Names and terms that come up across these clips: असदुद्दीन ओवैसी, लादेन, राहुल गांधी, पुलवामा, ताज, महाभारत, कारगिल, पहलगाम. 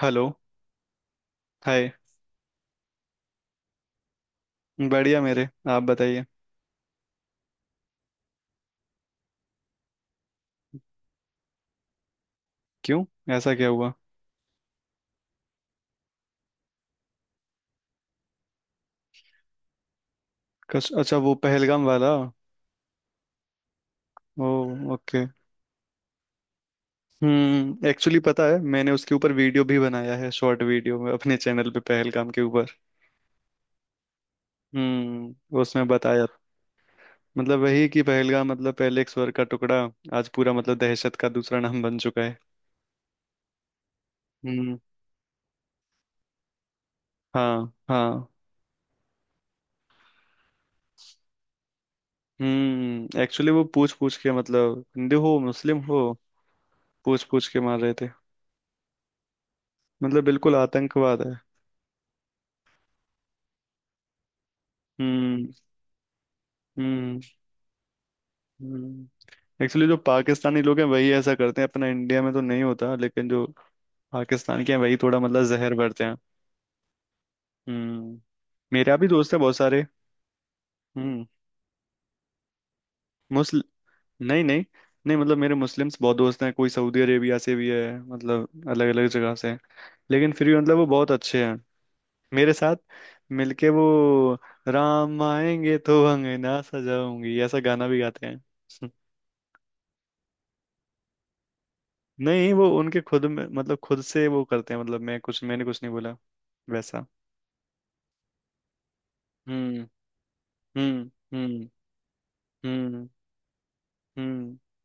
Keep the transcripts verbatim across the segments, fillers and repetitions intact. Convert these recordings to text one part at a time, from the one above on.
Hello. Hi. बढ़िया, मेरे आप बताइए। क्यों? ऐसा क्या हुआ? कस, अच्छा वो पहलगाम वाला। ओ। ओके। हम्म, एक्चुअली पता है मैंने उसके ऊपर वीडियो भी बनाया है, शॉर्ट वीडियो में अपने चैनल पे पहलगाम के ऊपर। हम्म, उसमें बताया मतलब वही कि पहलगाम मतलब पहले एक स्वर का टुकड़ा, आज पूरा मतलब दहशत का दूसरा नाम बन चुका है। हम्म। हाँ हाँ। हम्म, एक्चुअली वो पूछ पूछ के मतलब हिंदू हो मुस्लिम हो पूछ पूछ के मार रहे थे। मतलब बिल्कुल आतंकवाद है। हम्म। हम्म, एक्चुअली जो पाकिस्तानी लोग हैं वही ऐसा करते हैं, अपना इंडिया में तो नहीं होता, लेकिन जो पाकिस्तान के हैं वही थोड़ा मतलब जहर भरते हैं। हम्म। मेरा भी दोस्त है बहुत सारे। हम्म। मुस्ल नहीं नहीं, नहीं मतलब मेरे मुस्लिम्स बहुत दोस्त हैं, कोई सऊदी अरेबिया से भी है, मतलब अलग अलग जगह से हैं। लेकिन फिर भी मतलब वो बहुत अच्छे हैं मेरे साथ मिलके। वो "राम आएंगे तो अंगना सजाऊंगी" ऐसा गाना भी गाते हैं। नहीं, वो उनके खुद में मतलब खुद से वो करते हैं, मतलब मैं कुछ मैंने कुछ नहीं बोला वैसा। हम्म। हम्म। हम्म। हम्म। हम्म।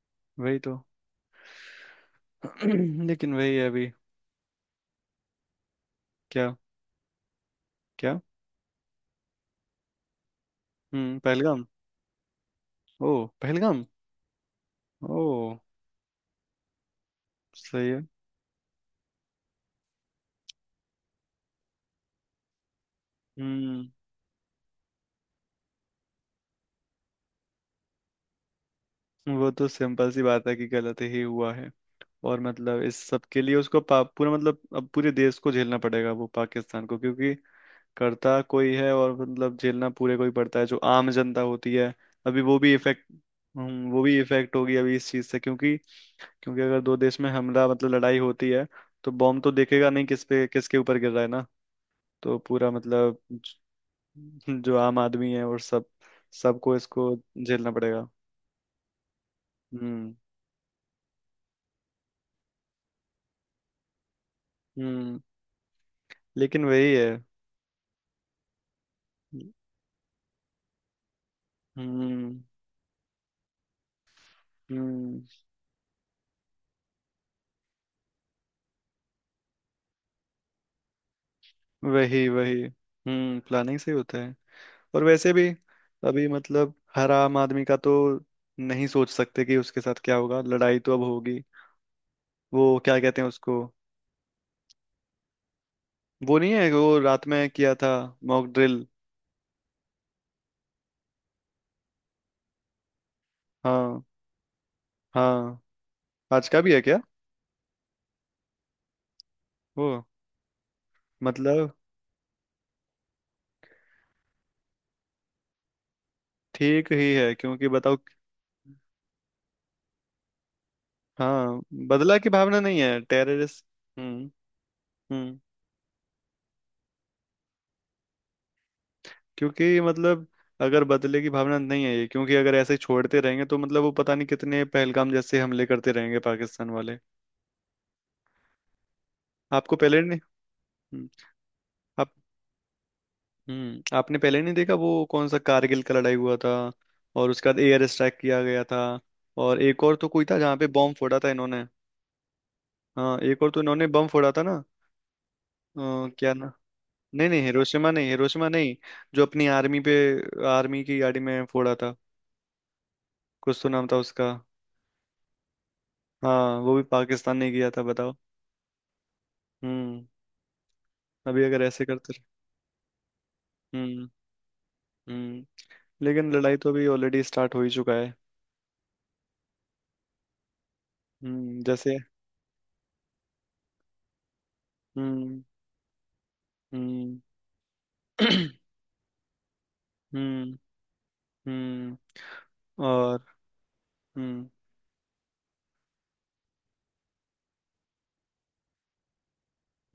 वही तो। लेकिन वही है अभी। क्या? क्या? हम्म, पहलगाम। ओ, पहलगाम। ओ। सही है। हम्म, वो तो सिंपल सी बात है कि गलत ही हुआ है। और मतलब इस सब के लिए उसको पा, पूरा मतलब अब पूरे देश को झेलना पड़ेगा, वो पाकिस्तान को, क्योंकि करता कोई है और मतलब झेलना पूरे कोई पड़ता है, जो आम जनता होती है। अभी वो भी इफेक्ट। वो भी इफेक्ट होगी अभी इस चीज से, क्योंकि क्योंकि अगर दो देश में हमला मतलब लड़ाई होती है तो बॉम्ब तो देखेगा नहीं किस पे किसके ऊपर गिर रहा है ना। तो पूरा मतलब ज- जो आम आदमी है और सब सबको इसको झेलना पड़ेगा। हम्म। हम्म। लेकिन वही है। हम्म। हम्म। वही वही। हम्म, प्लानिंग से ही होता है। और वैसे भी अभी मतलब हर आम आदमी का तो नहीं सोच सकते कि उसके साथ क्या होगा। लड़ाई तो अब होगी। वो क्या कहते हैं उसको? वो नहीं है, वो रात में किया था। Mock drill. हाँ। हाँ, आज का भी है क्या? वो मतलब ठीक ही है क्योंकि बताओ। हाँ, बदला की भावना नहीं है, टेररिस्ट। हम्म। हम्म, क्योंकि मतलब अगर बदले की भावना नहीं है ये, क्योंकि अगर ऐसे छोड़ते रहेंगे तो मतलब वो पता नहीं कितने पहलगाम जैसे हमले करते रहेंगे पाकिस्तान वाले। आपको पहले नहीं। हम्म। आप। हम्म, आपने पहले नहीं देखा वो कौन सा कारगिल का लड़ाई हुआ था, और उसके बाद एयर स्ट्राइक किया गया था। और एक और तो कोई था जहाँ पे बॉम्ब फोड़ा था इन्होंने। हाँ, एक और तो इन्होंने बम फोड़ा था ना। अ, क्या ना। नहीं नहीं, हिरोशिमा नहीं, हिरोशिमा नहीं। जो अपनी आर्मी पे, आर्मी की गाड़ी में फोड़ा था। कुछ तो नाम था उसका। हाँ, वो भी पाकिस्तान ने किया था, बताओ। हम्म। अभी अगर ऐसे करते रहे- हम्म। हम्म। लेकिन लड़ाई तो अभी ऑलरेडी स्टार्ट हो ही चुका है। हम्म, जैसे। हम्म। हम्म। हम्म। हम्म। और। हम्म।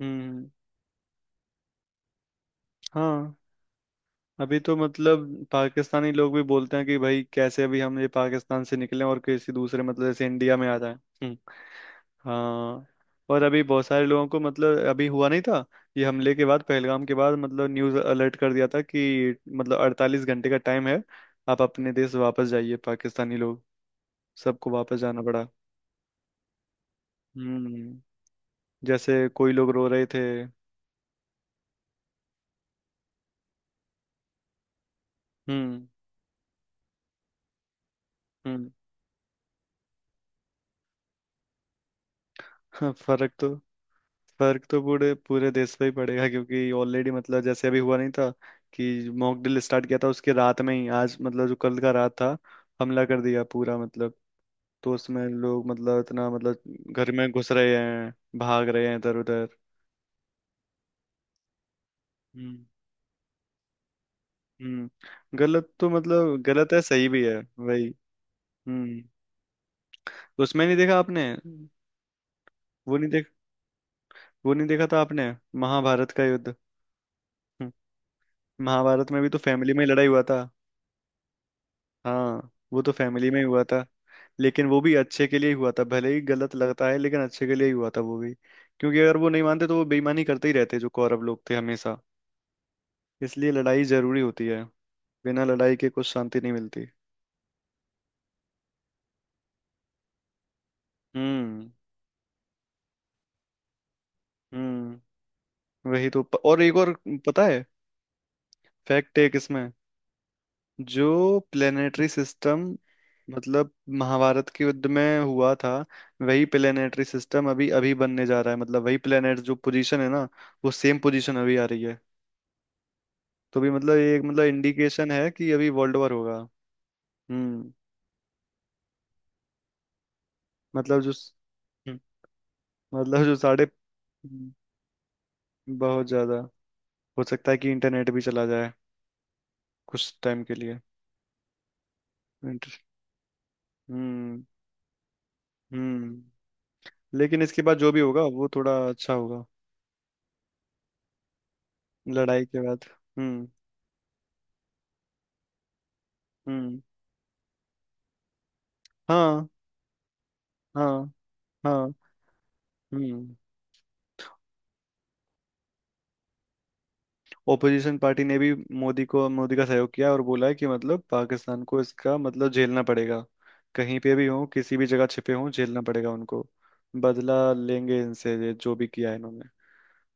हम्म। हाँ। अभी तो मतलब पाकिस्तानी लोग भी बोलते हैं कि भाई कैसे अभी हम ये पाकिस्तान से निकलें और किसी दूसरे मतलब जैसे इंडिया में आ जाएं। हम्म। हाँ। और अभी बहुत सारे लोगों को मतलब अभी हुआ नहीं था, ये हमले के बाद, पहलगाम के बाद मतलब न्यूज़ अलर्ट कर दिया था कि मतलब अड़तालीस घंटे का टाइम है, आप अपने देश वापस जाइए पाकिस्तानी लोग। सबको वापस जाना पड़ा। हम्म। जैसे कोई लोग रो रहे थे। हम्म। हम्म। हाँ, फर्क तो, फर्क तो पूरे पूरे देश पे ही पड़ेगा, क्योंकि ऑलरेडी मतलब जैसे अभी हुआ नहीं था कि मॉक ड्रिल स्टार्ट किया था, उसके रात में ही आज मतलब जो कल का रात था हमला कर दिया पूरा मतलब। तो उसमें लोग मतलब इतना मतलब घर में घुस रहे हैं, भाग रहे हैं इधर उधर। हम्म। हम्म, गलत तो मतलब गलत है, सही भी है वही। हम्म। उसमें नहीं देखा आपने? वो नहीं देख वो नहीं देखा था आपने? महाभारत का युद्ध। हम्म। महाभारत में भी तो फैमिली में ही लड़ाई हुआ था। हाँ, वो तो फैमिली में ही हुआ था। लेकिन वो भी अच्छे के लिए ही हुआ था, भले ही गलत लगता है लेकिन अच्छे के लिए ही हुआ था वो भी। क्योंकि अगर वो नहीं मानते तो वो बेईमानी करते ही रहते जो कौरव लोग थे हमेशा। इसलिए लड़ाई जरूरी होती है। बिना लड़ाई के कुछ शांति नहीं मिलती। हम्म। हम्म। वही तो प- और एक और पता है, फैक्ट एक इसमें। जो प्लेनेटरी सिस्टम मतलब महाभारत के युद्ध में हुआ था वही प्लेनेटरी सिस्टम अभी अभी बनने जा रहा है, मतलब वही प्लेनेट जो पोजीशन है ना, वो सेम पोजीशन अभी आ रही है। तो भी मतलब ये एक मतलब इंडिकेशन है कि अभी वर्ल्ड वॉर होगा। हम्म। मतलब जो। हम्म, मतलब जो साढ़े। हम्म, बहुत ज्यादा हो सकता है कि इंटरनेट भी चला जाए कुछ टाइम के लिए। इंटर- हम्म। हम्म। लेकिन इसके बाद जो भी होगा वो थोड़ा अच्छा होगा, लड़ाई के बाद। हम्म। हम्म। हाँ हाँ हाँ। हम्म। ओपोजिशन पार्टी ने भी मोदी को मोदी का सहयोग किया और बोला है कि मतलब पाकिस्तान को इसका मतलब झेलना पड़ेगा। कहीं पे भी हो, किसी भी जगह छिपे हों, झेलना पड़ेगा उनको। बदला लेंगे इनसे ये जो भी किया है इन्होंने।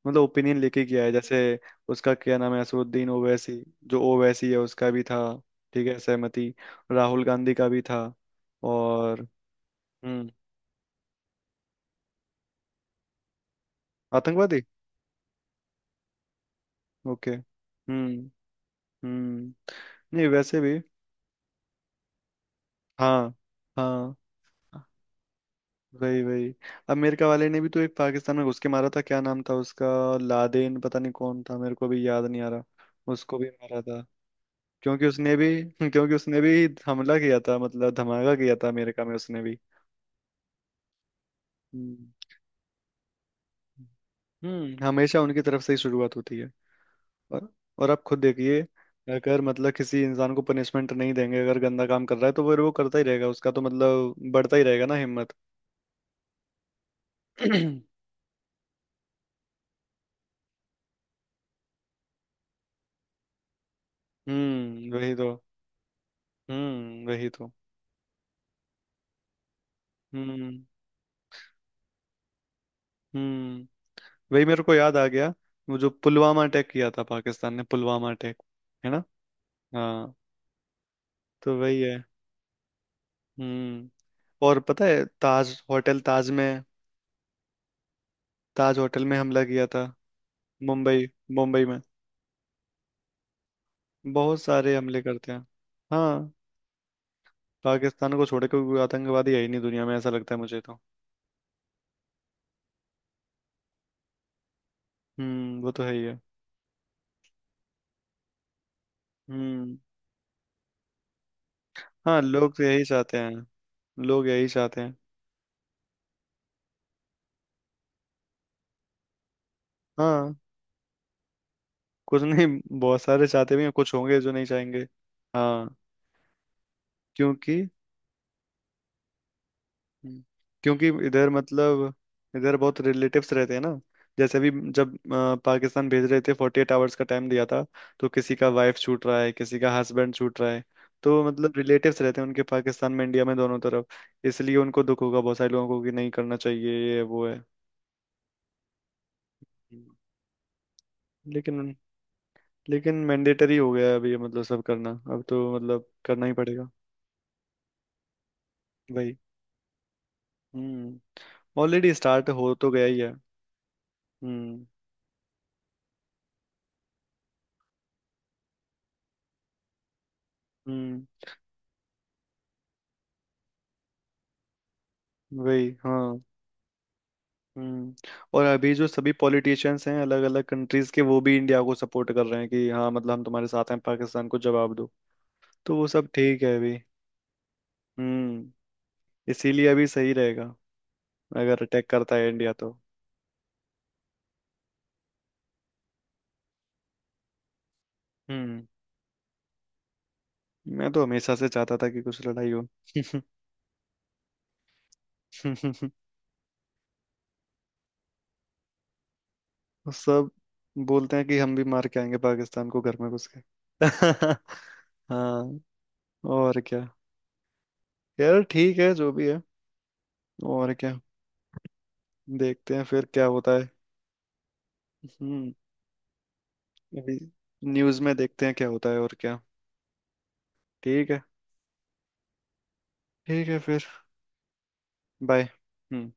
मतलब ओपिनियन लेके किया है जैसे। उसका क्या नाम है, असदुद्दीन ओवैसी, जो ओवैसी है उसका भी था। ठीक है, सहमति। राहुल गांधी का भी था। और। हम्म। आतंकवादी। ओके। हम्म। हम्म। नहीं, वैसे भी। हाँ हाँ। वही वही। अमेरिका वाले ने भी तो एक पाकिस्तान में घुस के मारा था, क्या नाम था उसका। लादेन। पता नहीं कौन था, मेरे को भी याद नहीं आ रहा। उसको भी मारा था क्योंकि उसने भी क्योंकि उसने भी हमला किया था मतलब धमाका किया था अमेरिका में उसने भी। हम्म। हम्म, हमेशा उनकी तरफ से ही शुरुआत होती है। और। और आप खुद देखिए, अगर मतलब किसी इंसान को पनिशमेंट नहीं देंगे, अगर गंदा काम कर रहा है, तो फिर वो करता ही रहेगा, उसका तो मतलब बढ़ता ही रहेगा ना हिम्मत। हम्म, वही तो। हम्म, वही तो। हम्म। हम्म, वही, मेरे को याद आ गया। वो जो पुलवामा अटैक किया था पाकिस्तान ने, पुलवामा अटैक, है ना। हाँ। तो वही है। हम्म। और पता है ताज होटल, ताज में, ताज होटल में हमला किया था। मुंबई। मुंबई में बहुत सारे हमले करते हैं। हाँ। पाकिस्तान को छोड़ के कोई आतंकवादी है ही नहीं दुनिया में, ऐसा लगता है मुझे तो। हम्म, वो तो है ही है। हम्म। हाँ, लोग तो यही चाहते हैं, लोग यही चाहते हैं। हाँ। कुछ नहीं। बहुत सारे चाहते भी हैं, कुछ होंगे जो नहीं चाहेंगे। हाँ। क्योंकि। हम्म। क्योंकि इधर मतलब, इधर बहुत रिलेटिव्स रहते हैं ना। जैसे अभी जब अ, पाकिस्तान भेज रहे थे फोर्टी एट आवर्स का टाइम दिया था तो किसी का वाइफ छूट रहा है, किसी का हस्बैंड छूट रहा है। तो मतलब रिलेटिव्स रहते हैं उनके, पाकिस्तान में इंडिया में दोनों तरफ। इसलिए उनको दुख होगा बहुत सारे लोगों को कि नहीं करना चाहिए ये वो है। हम्म। लेकिन लेकिन मैंडेटरी हो गया है अभी ये मतलब सब करना, अब तो मतलब करना ही पड़ेगा। वही। हम्म। ऑलरेडी स्टार्ट हो तो गया ही है। हम्म। हम्म। वही। हाँ। हम्म। और अभी जो सभी पॉलिटिशियंस हैं अलग अलग कंट्रीज के, वो भी इंडिया को सपोर्ट कर रहे हैं कि हाँ मतलब हम तुम्हारे साथ हैं, पाकिस्तान को जवाब दो। तो वो सब ठीक है अभी। हम्म। इसीलिए अभी सही रहेगा, अगर अटैक करता है इंडिया तो। हम्म। मैं तो हमेशा से चाहता था कि कुछ लड़ाई हो। वो सब बोलते हैं कि हम भी मार के आएंगे पाकिस्तान को, घर में घुस के। हाँ। और क्या। यार ठीक है जो भी है। और क्या। देखते हैं फिर क्या होता है। हम्म, अभी न्यूज़ में देखते हैं क्या होता है, और क्या। ठीक है। ठीक है फिर। बाय। हम्म।